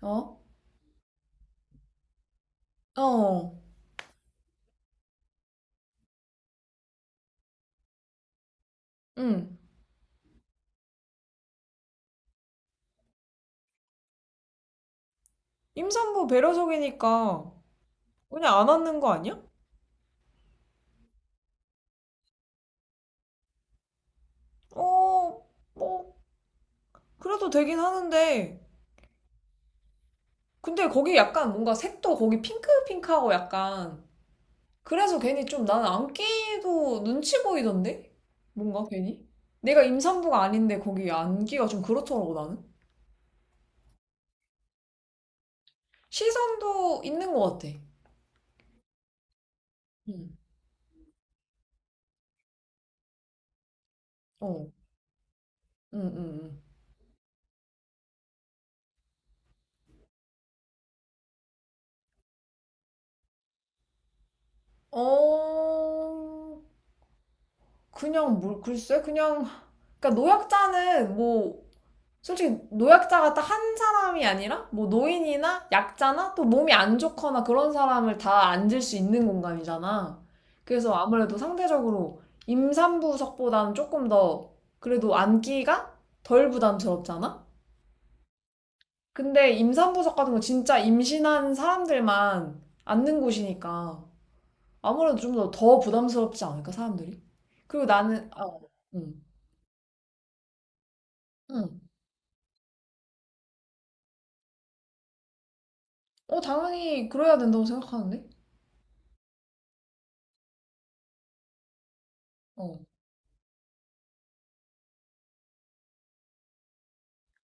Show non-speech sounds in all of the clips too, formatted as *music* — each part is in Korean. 어? 어, 응. 임산부 배려석이니까 그냥 안 앉는 거 아니야? 어, 뭐, 그래도 되긴 하는데. 근데 거기 약간 뭔가 색도 거기 핑크핑크하고 약간. 그래서 괜히 좀 나는 앉기도 눈치 보이던데? 뭔가 괜히? 내가 임산부가 아닌데 거기 앉기가 좀 그렇더라고 나는. 시선도 있는 것 같아. 응, 어, 응, 응, 응. 어, 그냥 뭘, 글쎄, 그냥. 그러니까 노약자는 뭐 솔직히 노약자가 딱 한 사람이 아니라 뭐 노인이나 약자나 또 몸이 안 좋거나 그런 사람을 다 앉을 수 있는 공간이잖아. 그래서 아무래도 상대적으로 임산부석보다는 조금 더 그래도 앉기가 덜 부담스럽잖아? 근데 임산부석 같은 거 진짜 임신한 사람들만 앉는 곳이니까 아무래도 좀 더 부담스럽지 않을까, 사람들이? 그리고 나는, 아, 응, 응. 어, 당연히 그래야 된다고 생각하는데? 어,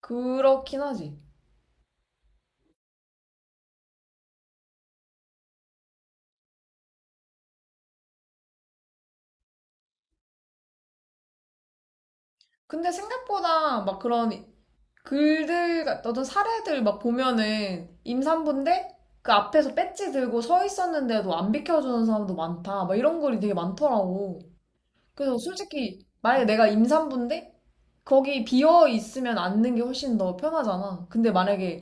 그렇긴 하지. 근데 생각보다 막 그런 글들, 어떤 사례들 막 보면은 임산부인데 그 앞에서 배지 들고 서 있었는데도 안 비켜주는 사람도 많다. 막 이런 글이 되게 많더라고. 그래서 솔직히 만약에 내가 임산부인데 거기 비어 있으면 앉는 게 훨씬 더 편하잖아. 근데 만약에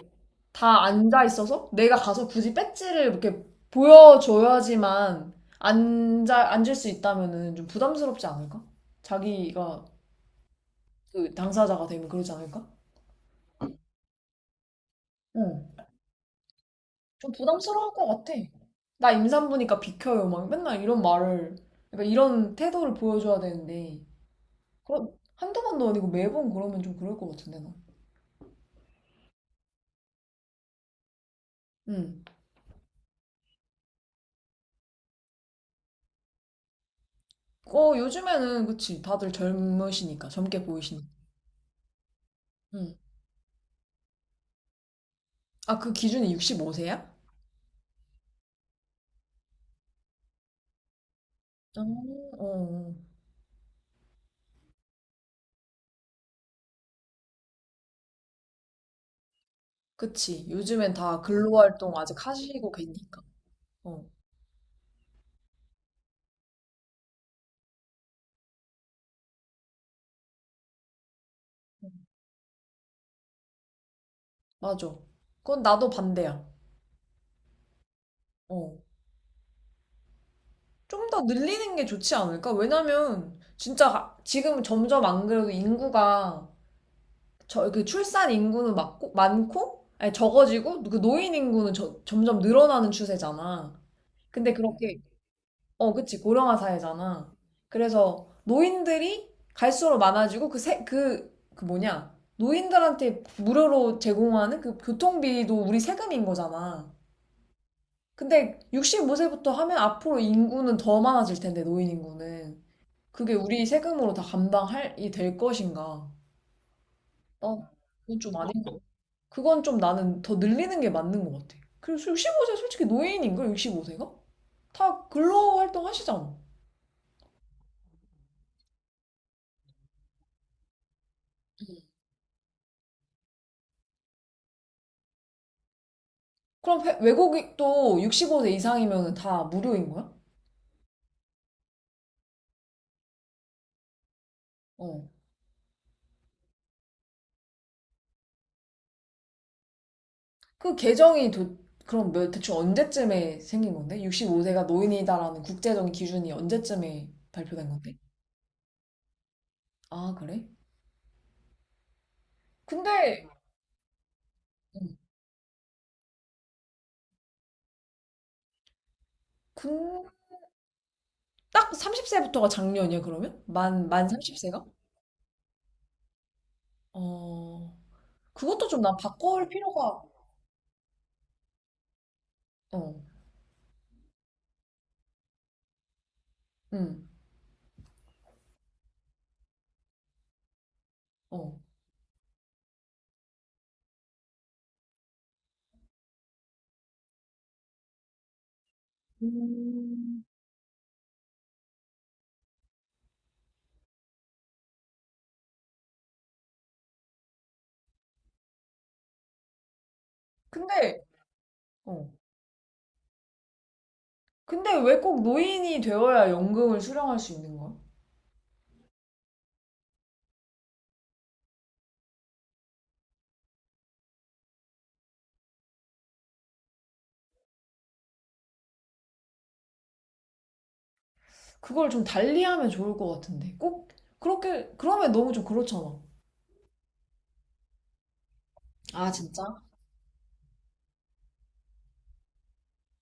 다 앉아 있어서 내가 가서 굳이 배지를 이렇게 보여줘야지만 앉을 수 있다면은 좀 부담스럽지 않을까? 자기가 그 당사자가 되면 그러지 않을까? 응. 좀 부담스러울 것 같아. 나 임산부니까 비켜요. 막 맨날 이런 말을, 그러니까 이런 태도를 보여줘야 되는데, 그런, 한두 번도 아니고 매번 그러면 좀 그럴 것 같은데, 나. 응. 어, 요즘에는, 그치. 다들 젊으시니까, 젊게 보이시니까. 응. 아, 그 기준이 65세야? 음, 어, 어. 그치. 요즘엔 다 근로활동 아직 하시고 계니까. 어, 맞아. 그건 나도 반대야. 어. 좀 더 늘리는 게 좋지 않을까? 왜냐면 진짜 지금 점점 안 그래도 인구가 저 그 출산 인구는 많고 많고 아니 적어지고 그 노인 인구는 점점 늘어나는 추세잖아. 근데 그렇게 어 그치 고령화 사회잖아. 그래서 노인들이 갈수록 많아지고 그 세 그 그 뭐냐 노인들한테 무료로 제공하는 그 교통비도 우리 세금인 거잖아. 근데 65세부터 하면 앞으로 인구는 더 많아질 텐데 노인 인구는. 그게 우리 세금으로 다 감당할이 될 것인가? 난 그건 좀 아닌 것 같아. 그건 좀 나는 더 늘리는 게 맞는 것 같아. 그래서 65세 솔직히 노인인걸 65세가? 다 근로 활동 하시잖아. 그럼 외국도 65세 이상이면 다 무료인 거야? 어. 그 개정이 그럼 대충 언제쯤에 생긴 건데? 65세가 노인이다라는 국제적인 기준이 언제쯤에 발표된 건데? 아, 그래? 근데 음, 근- 딱 30세부터가 작년이야, 그러면? 만 30세가? 어, 그것도 좀 난 바꿀 필요가, 어, 응, 어. 음. 근데, 어. 근데 왜 꼭 노인이 되어야 연금을 수령할 수 있는 거야? 그걸 좀 달리하면 좋을 것 같은데. 꼭, 그렇게, 그러면 너무 좀 그렇잖아. 아, 진짜?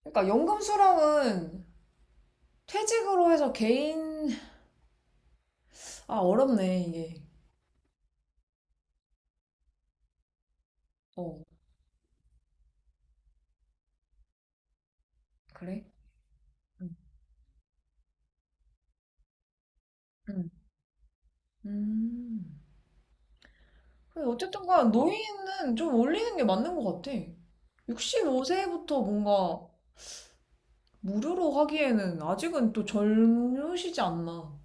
그러니까 연금 수령은 퇴직으로 해서 개인, 아, 어렵네, 이게. 어, 그래? 응, 응. 음. 그래, 어쨌든 간 노인은 좀 올리는 게 맞는 것 같아. 65세부터 뭔가 무료로 하기에는 아직은 또 젊으시지 않나.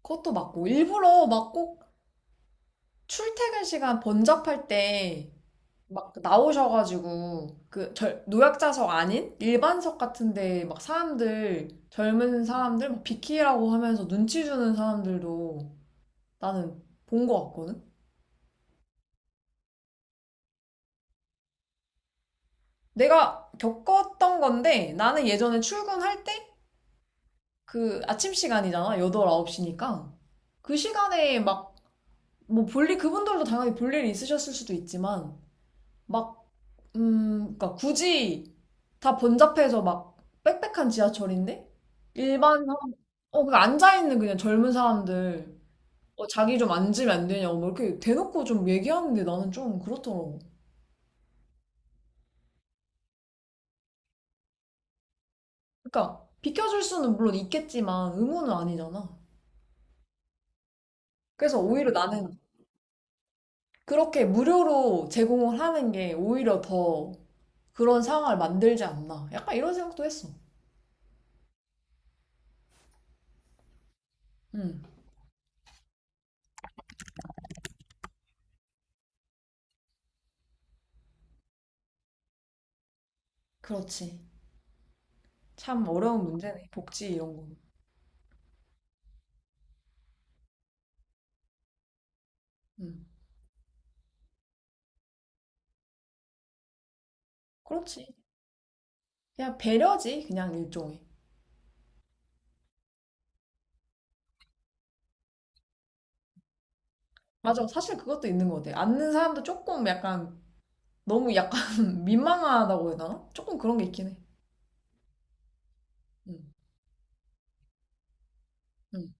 그것도 맞고. 일부러 막 꼭 출퇴근 시간 번잡할 때 막 나오셔가지고 그 노약자석 아닌 일반석 같은데 막 사람들 젊은 사람들 막 비키라고 하면서 눈치 주는 사람들도 나는 본 것 같거든. 내가 겪었던 건데 나는 예전에 출근할 때 그 아침 시간이잖아. 8, 9시니까. 그 시간에 막, 뭐 볼일, 그분들도 당연히 볼일이 있으셨을 수도 있지만, 막, 그니까 굳이 다 번잡해서 막 빽빽한 지하철인데? 일반 사람, 어, 그 앉아있는 그냥 젊은 사람들, 어, 자기 좀 앉으면 안 되냐고, 뭐 이렇게 대놓고 좀 얘기하는데 나는 좀 그렇더라고. 그니까, 러 비켜줄 수는 물론 있겠지만, 의무는 아니잖아. 그래서 오히려 나는 그렇게 무료로 제공을 하는 게 오히려 더 그런 상황을 만들지 않나. 약간 이런 생각도 했어. 음, 그렇지. 참 어려운 문제네. 복지 이런 거. 음, 그렇지. 그냥 배려지. 그냥 일종의. 맞아. 사실 그것도 있는 것 같아. 앉는 사람도 조금 약간 너무 약간 *laughs* 민망하다고 해야 되나? 조금 그런 게 있긴 해. 음, 음.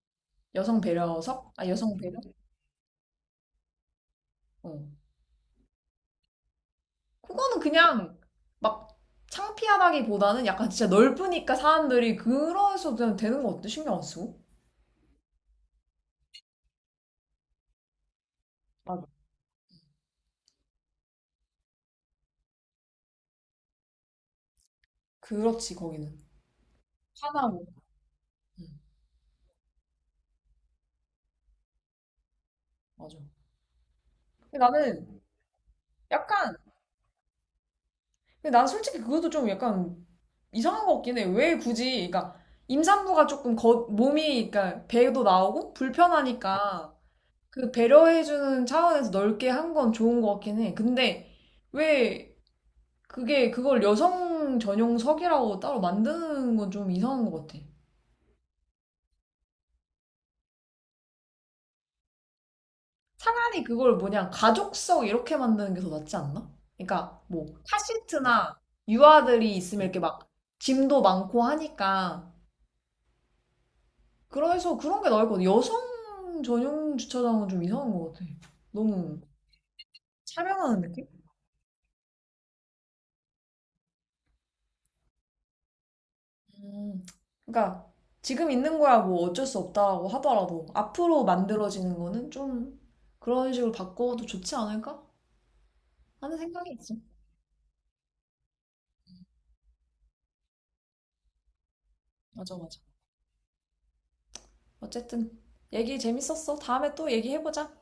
여성 배려석? 아, 여성 배려? 어. 그거는 그냥 막 창피하다기보다는 약간 진짜 넓으니까 사람들이 그래서 그냥 되는 것 같아. 신경 안 쓰고. 맞아. 그렇지, 거기는. 하나고. 음. 맞아. 근데 나는 약간, 근데 난 솔직히 그것도 좀 약간 이상한 것 같긴 해. 왜 굳이, 그러니까 임산부가 조금 거, 몸이, 그러니까 배도 나오고 불편하니까 그 배려해주는 차원에서 넓게 한 건 좋은 것 같긴 해. 근데 왜 그게 그걸 여성 전용석이라고 따로 만드는 건 좀 이상한 것 같아. 차라리 그걸 뭐냐, 가족석 이렇게 만드는 게 더 낫지 않나? 그러니까 뭐 카시트나 유아들이 있으면 이렇게 막 짐도 많고 하니까 그래서 그런 게 나을 것 같아. 여성 전용 주차장은 좀 이상한 것 같아. 너무 차별하는 느낌? 음, 그러니까 지금 있는 거야 뭐 어쩔 수 없다고 하더라도 앞으로 만들어지는 거는 좀 그런 식으로 바꿔도 좋지 않을까 하는 생각이 있어. 맞아, 맞아. 어쨌든 얘기 재밌었어. 다음에 또 얘기해보자.